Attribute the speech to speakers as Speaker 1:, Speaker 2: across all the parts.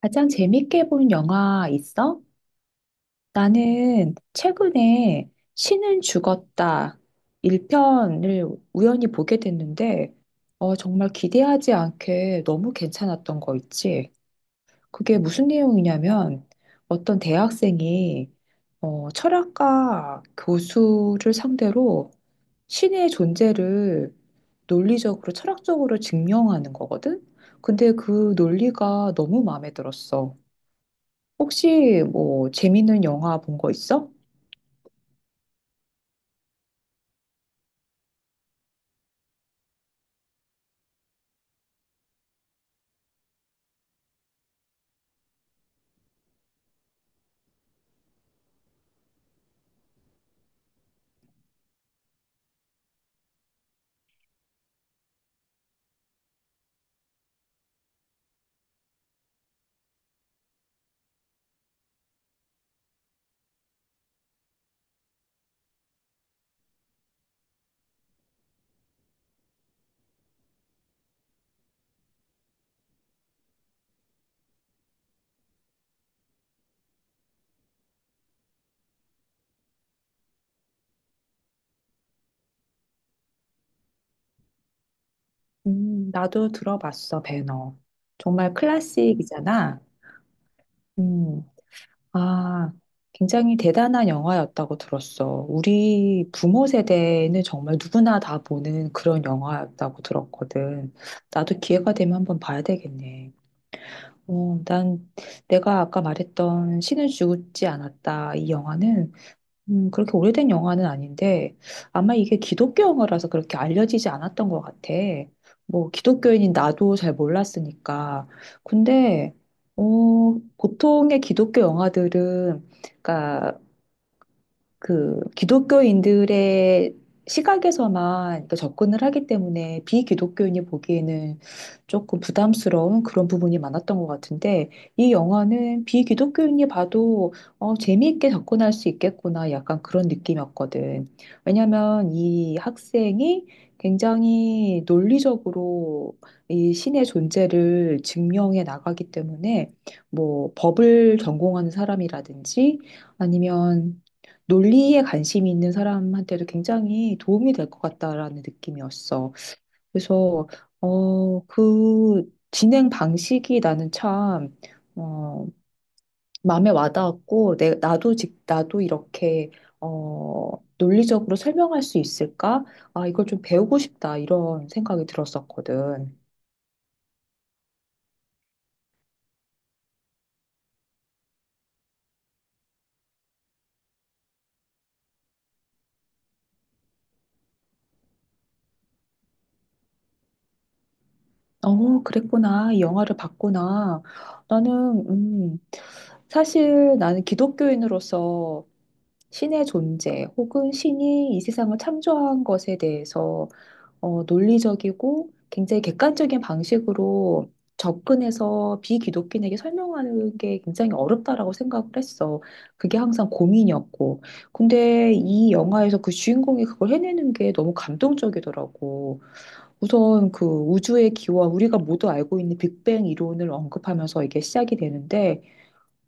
Speaker 1: 가장 재밌게 본 영화 있어? 나는 최근에 신은 죽었다 1편을 우연히 보게 됐는데, 정말 기대하지 않게 너무 괜찮았던 거 있지. 그게 무슨 내용이냐면 어떤 대학생이 철학과 교수를 상대로 신의 존재를 논리적으로 철학적으로 증명하는 거거든? 근데 그 논리가 너무 마음에 들었어. 혹시 뭐 재밌는 영화 본 거 있어? 나도 들어봤어, 배너. 정말 클래식이잖아. 음, 아, 굉장히 대단한 영화였다고 들었어. 우리 부모 세대는 정말 누구나 다 보는 그런 영화였다고 들었거든. 나도 기회가 되면 한번 봐야 되겠네. 난 내가 아까 말했던 신은 죽지 않았다. 이 영화는 그렇게 오래된 영화는 아닌데, 아마 이게 기독교 영화라서 그렇게 알려지지 않았던 것 같아. 뭐, 기독교인인 나도 잘 몰랐으니까. 근데, 보통의 기독교 영화들은, 그러니까 그 기독교인들의 시각에서만 또 접근을 하기 때문에 비기독교인이 보기에는 조금 부담스러운 그런 부분이 많았던 것 같은데 이 영화는 비기독교인이 봐도 재미있게 접근할 수 있겠구나 약간 그런 느낌이었거든. 왜냐하면 이 학생이 굉장히 논리적으로 이 신의 존재를 증명해 나가기 때문에 뭐 법을 전공하는 사람이라든지 아니면 논리에 관심이 있는 사람한테도 굉장히 도움이 될 것 같다라는 느낌이었어. 그래서, 그 진행 방식이 나는 참, 어, 마음에 와닿았고, 나도 나도 이렇게, 어, 논리적으로 설명할 수 있을까? 아, 이걸 좀 배우고 싶다, 이런 생각이 들었었거든. 어, 그랬구나. 이 영화를 봤구나. 나는, 음, 사실 나는 기독교인으로서 신의 존재 혹은 신이 이 세상을 창조한 것에 대해서 논리적이고 굉장히 객관적인 방식으로 접근해서 비기독교인에게 설명하는 게 굉장히 어렵다라고 생각을 했어. 그게 항상 고민이었고. 근데 이 영화에서 그 주인공이 그걸 해내는 게 너무 감동적이더라고. 우선 그 우주의 기원, 우리가 모두 알고 있는 빅뱅 이론을 언급하면서 이게 시작이 되는데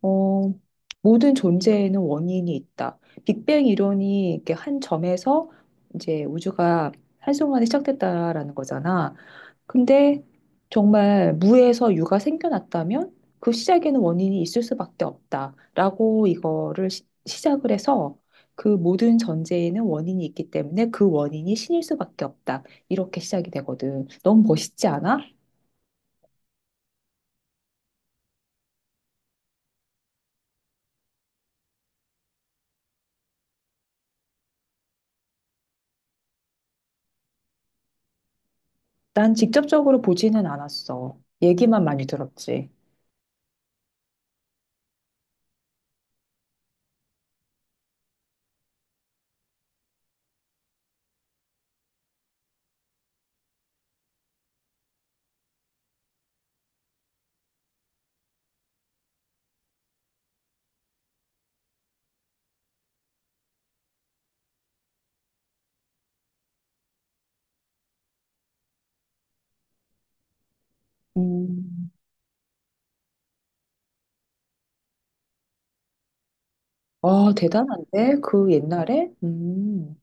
Speaker 1: 어, 모든 존재에는 원인이 있다. 빅뱅 이론이 이렇게 한 점에서 이제 우주가 한순간에 시작됐다라는 거잖아. 근데 정말 무에서 유가 생겨났다면 그 시작에는 원인이 있을 수밖에 없다라고 이거를 시작을 해서 그 모든 존재에는 원인이 있기 때문에 그 원인이 신일 수밖에 없다. 이렇게 시작이 되거든. 너무 멋있지 않아? 난 직접적으로 보지는 않았어. 얘기만 많이 들었지. 음. 아, 대단한데? 그 옛날에?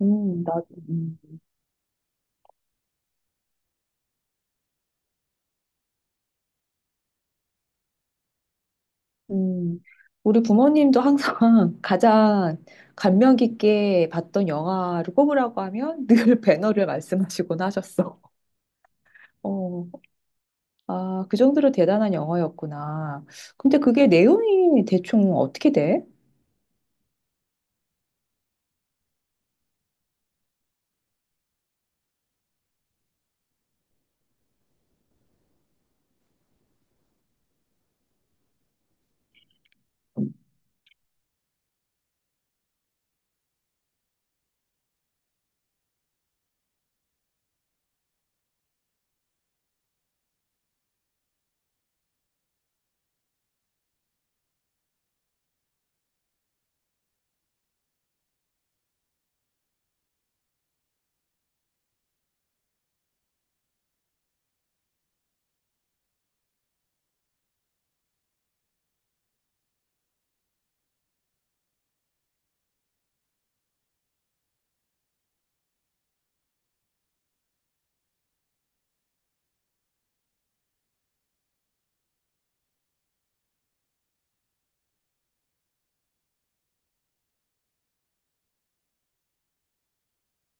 Speaker 1: 나, 음, 음. 우리 부모님도 항상 가장 감명 깊게 봤던 영화를 꼽으라고 하면 늘 배너를 말씀하시곤 하셨어. 어, 아, 그 정도로 대단한 영화였구나. 근데 그게 내용이 대충 어떻게 돼?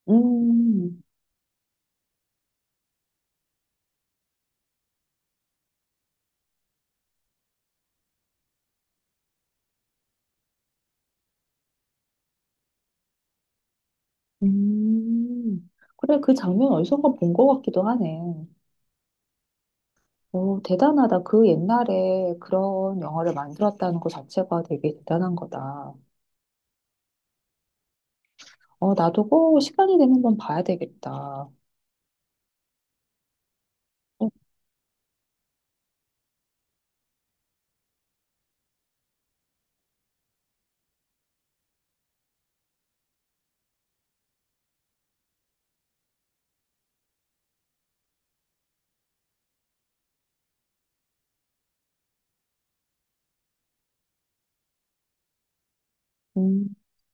Speaker 1: 음, 음. 그래, 그 장면 어디선가 본 것 같기도 하네. 오, 대단하다. 그 옛날에 그런 영화를 만들었다는 것 자체가 되게 대단한 거다. 어, 나도 꼭 시간이 되는 건 봐야 되겠다. 어, 음,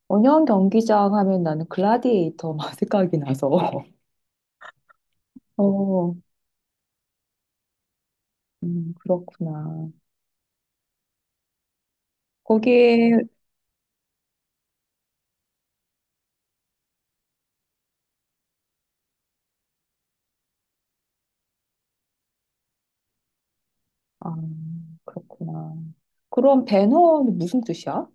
Speaker 1: 원형 경기장 하면 나는 글라디에이터만 생각이 나서. 어, 그렇구나. 거기에, 아, 그렇구나. 그럼 배너는 무슨 뜻이야?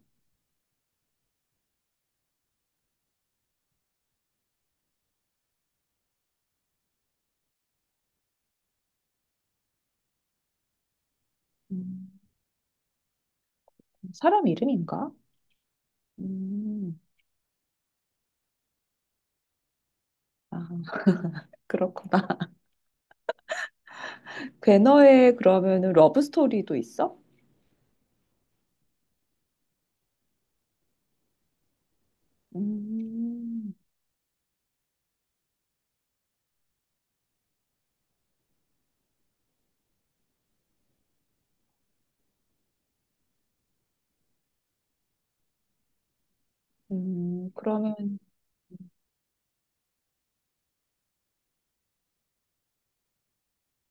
Speaker 1: 음, 사람 이름인가? 음, 아, 그렇구나. 배너에 그러면은 러브 스토리도 있어? 음. 그러면,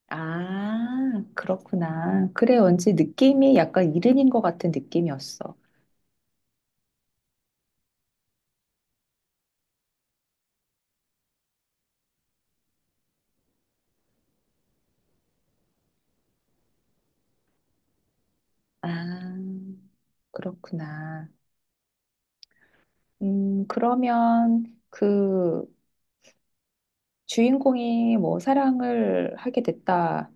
Speaker 1: 아, 그렇구나. 그래, 왠지 느낌이 약간 이른인 것 같은 느낌이었어. 아, 그렇구나. 그러면 그 주인공이 뭐 사랑을 하게 됐다.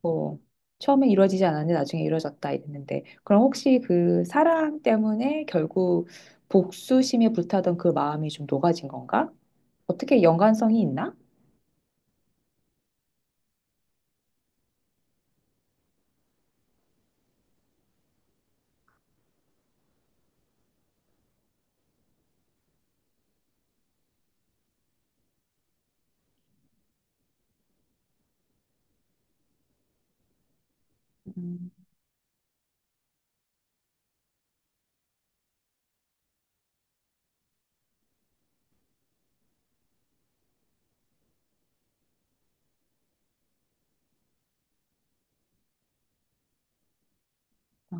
Speaker 1: 뭐, 처음에 이루어지지 않았는데 나중에 이루어졌다 이랬는데, 그럼 혹시 그 사랑 때문에 결국 복수심에 불타던 그 마음이 좀 녹아진 건가? 어떻게 연관성이 있나? 음, 아,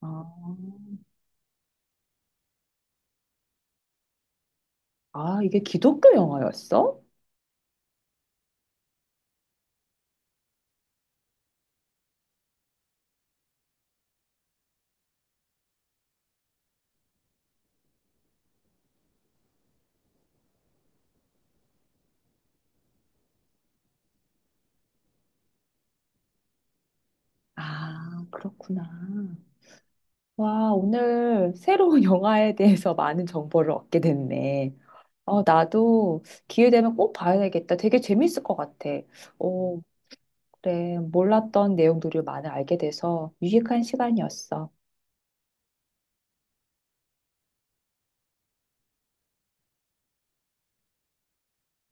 Speaker 1: 아. 아, 이게 기독교 영화였어? 아, 그렇구나. 와, 오늘 새로운 영화에 대해서 많은 정보를 얻게 됐네. 어, 나도 기회 되면 꼭 봐야 되겠다. 되게 재밌을 것 같아. 오, 그래. 몰랐던 내용들을 많이 알게 돼서 유익한 시간이었어.